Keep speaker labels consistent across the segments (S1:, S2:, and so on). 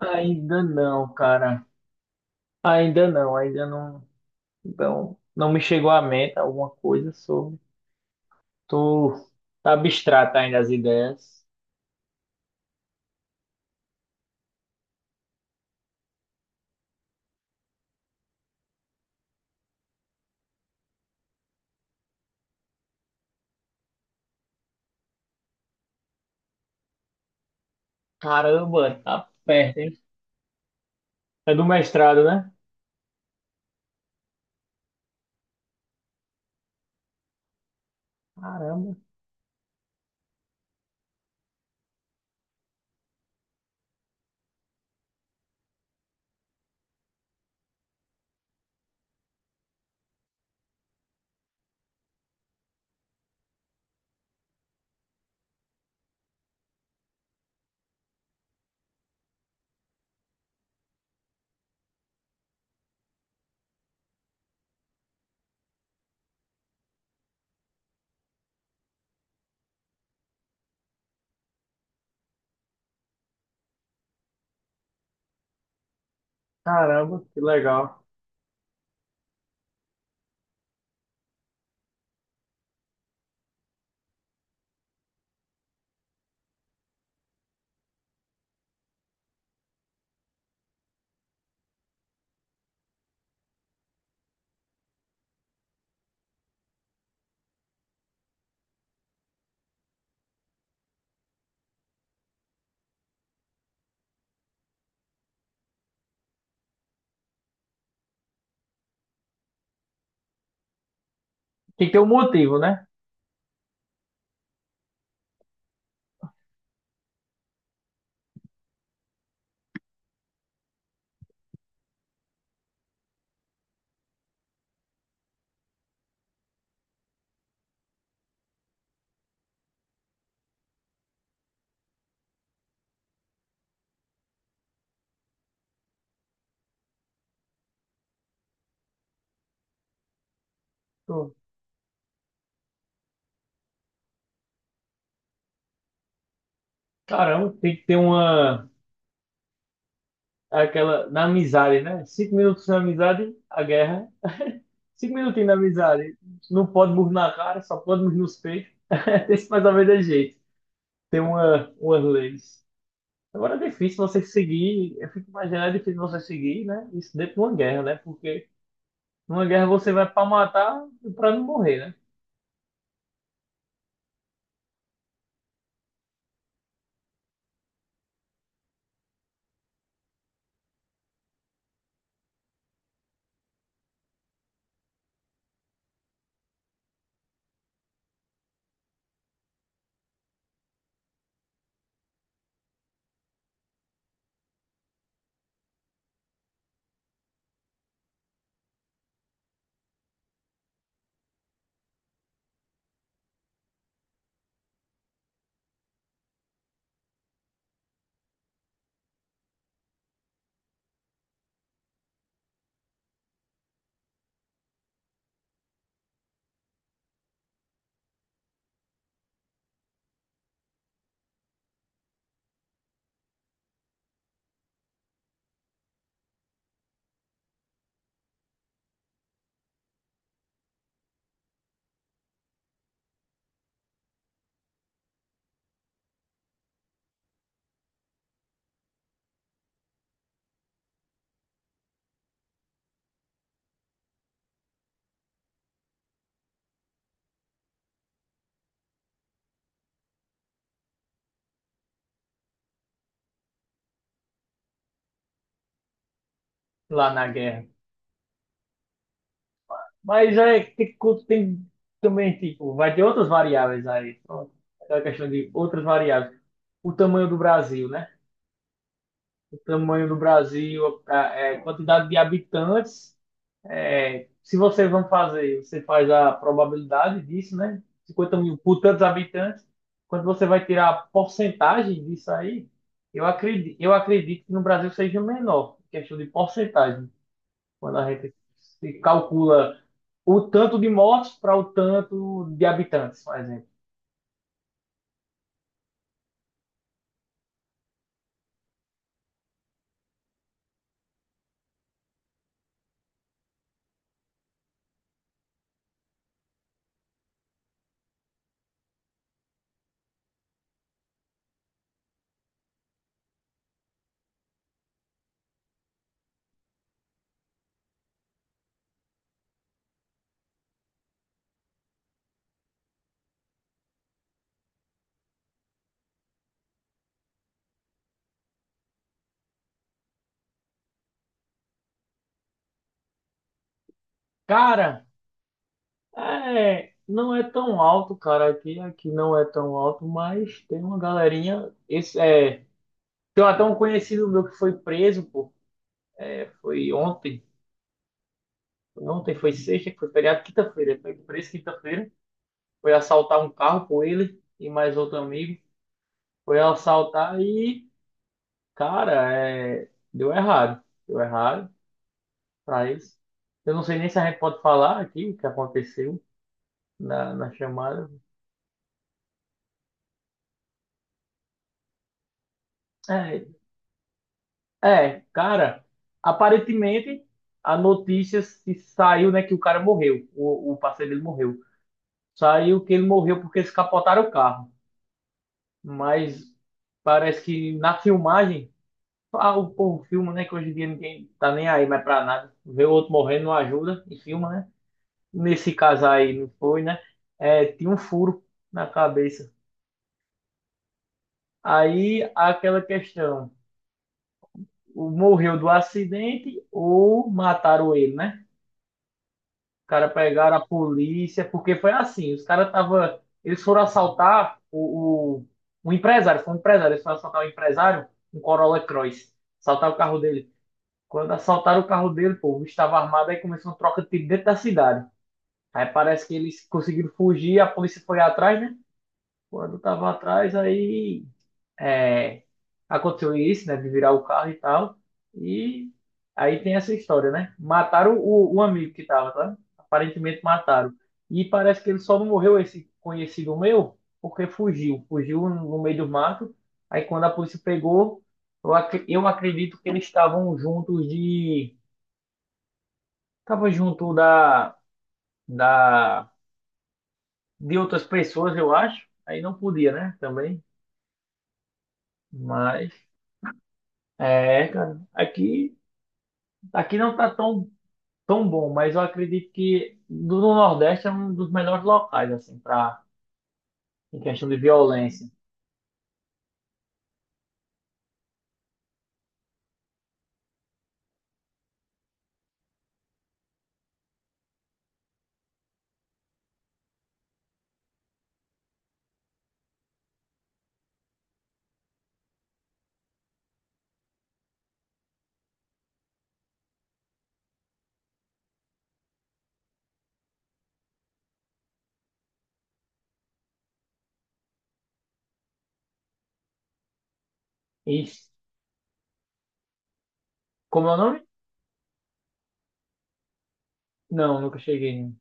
S1: Ainda não, cara. Ainda não, ainda não. Então, não me chegou à mente alguma coisa sobre. Tô tá abstrata ainda as ideias. Caramba, tá perto, hein? É do mestrado, né? Caramba, caramba, que legal. Tem que ter um motivo, né? Pô, caramba, tem que ter uma aquela na amizade, né? Cinco minutos na amizade, a guerra. Cinco minutinhos na amizade. Não pode burro na cara, só pode burro nos peitos. Esse mais ou menos é jeito. Tem umas leis. Agora é difícil você seguir, eu fico imaginando, é difícil você seguir, né? Isso dentro de uma guerra, né? Porque numa guerra você vai para matar e para não morrer, né? Lá na guerra. Mas é que tem também, tipo, vai ter outras variáveis aí. Pronto. É uma questão de outras variáveis. O tamanho do Brasil, né? O tamanho do Brasil, quantidade de habitantes. É, se vocês vão fazer, você faz a probabilidade disso, né? 50 mil por tantos habitantes. Quando você vai tirar a porcentagem disso aí, eu acredito que no Brasil seja menor, questão de porcentagem. Quando a gente se calcula o tanto de mortes para o tanto de habitantes, por exemplo. Cara, é, não é tão alto, cara, aqui não é tão alto, mas tem uma galerinha, esse é, tem até um conhecido meu que foi preso, pô, foi ontem, ontem foi sexta, que foi feriado, quinta-feira, foi preso quinta-feira, foi assaltar um carro com ele e mais outro amigo, foi assaltar e, cara, é, deu errado pra eles. Eu não sei nem se a gente pode falar aqui o que aconteceu na chamada. É, cara, aparentemente a notícia se saiu, né, que o cara morreu, o parceiro dele morreu. Saiu que ele morreu porque eles capotaram o carro. Mas parece que na filmagem, ah, o povo filma, né, que hoje em dia ninguém tá nem aí mais pra nada. Vê o outro morrendo, não ajuda e filma, né? Nesse caso aí não foi, né? É, tinha um furo na cabeça. Aí aquela questão, o morreu do acidente ou mataram ele, né? Cara pegaram a polícia, porque foi assim, os caras tava, eles foram assaltar um empresário, foi um empresário, eles foram assaltar o empresário, um Corolla Cross, assaltar o carro dele. Quando assaltaram o carro dele, pô, o bicho estava armado, aí começou uma troca de tiro dentro da cidade. Aí parece que eles conseguiram fugir, a polícia foi atrás, né? Quando tava atrás, é, aconteceu isso, né, de virar o carro e tal. E aí tem essa história, né? Mataram o amigo que tava, tá? Aparentemente mataram. E parece que ele só não morreu esse conhecido meu, porque fugiu, fugiu no meio do mato. Aí quando a polícia pegou, eu acredito que eles estavam juntos de, estavam junto da, de outras pessoas, eu acho. Aí não podia, né? Também. Mas é, cara, aqui, aqui não tá tão tão bom, mas eu acredito que do no Nordeste é um dos melhores locais, assim, pra, em questão de violência. E como é o nome? Não, nunca cheguei, né?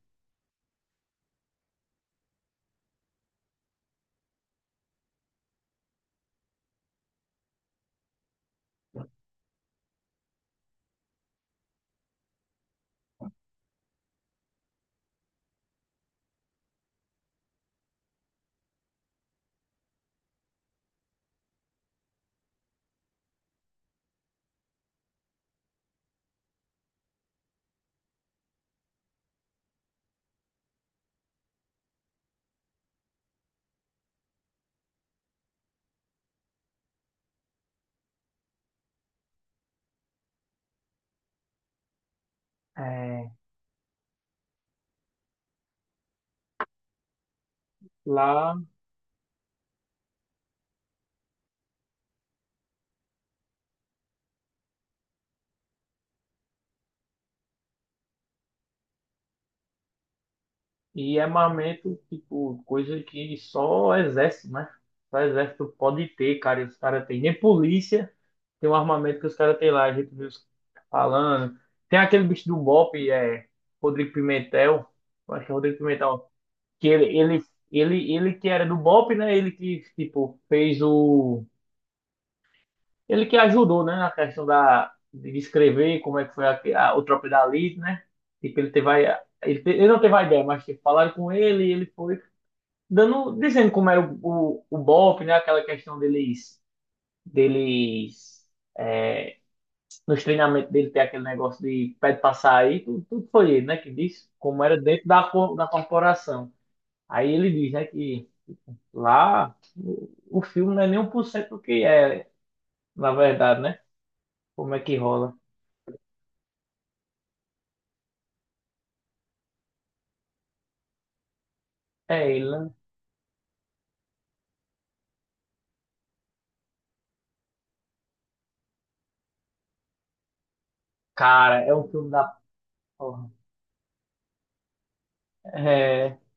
S1: É, lá, e é armamento, tipo, coisa que só o exército, né? Só o exército pode ter, cara, e os caras têm. Nem polícia tem um armamento que os caras têm lá, a gente viu os falando. Tem aquele bicho do BOPE, é, Rodrigo Pimentel, eu acho que é Rodrigo Pimentel, que ele que era do BOP, né? Ele que, tipo, fez o... Ele que ajudou, né? Na questão da, de escrever como é que foi o Tropa da Elite, né? Tipo, ele teve a, ele, te- ele não teve a ideia, mas tipo, falaram com ele e ele foi dando, dizendo como era o BOP, né? Aquela questão deles é, nos treinamentos dele ter aquele negócio de pede pra sair, tudo foi ele, né? Que disse como era dentro da corporação. Aí ele diz, né, que lá, o filme não é nem 1% do que é, na verdade, né? Como é que rola? É ele, né? Cara, é um filme da porra. É,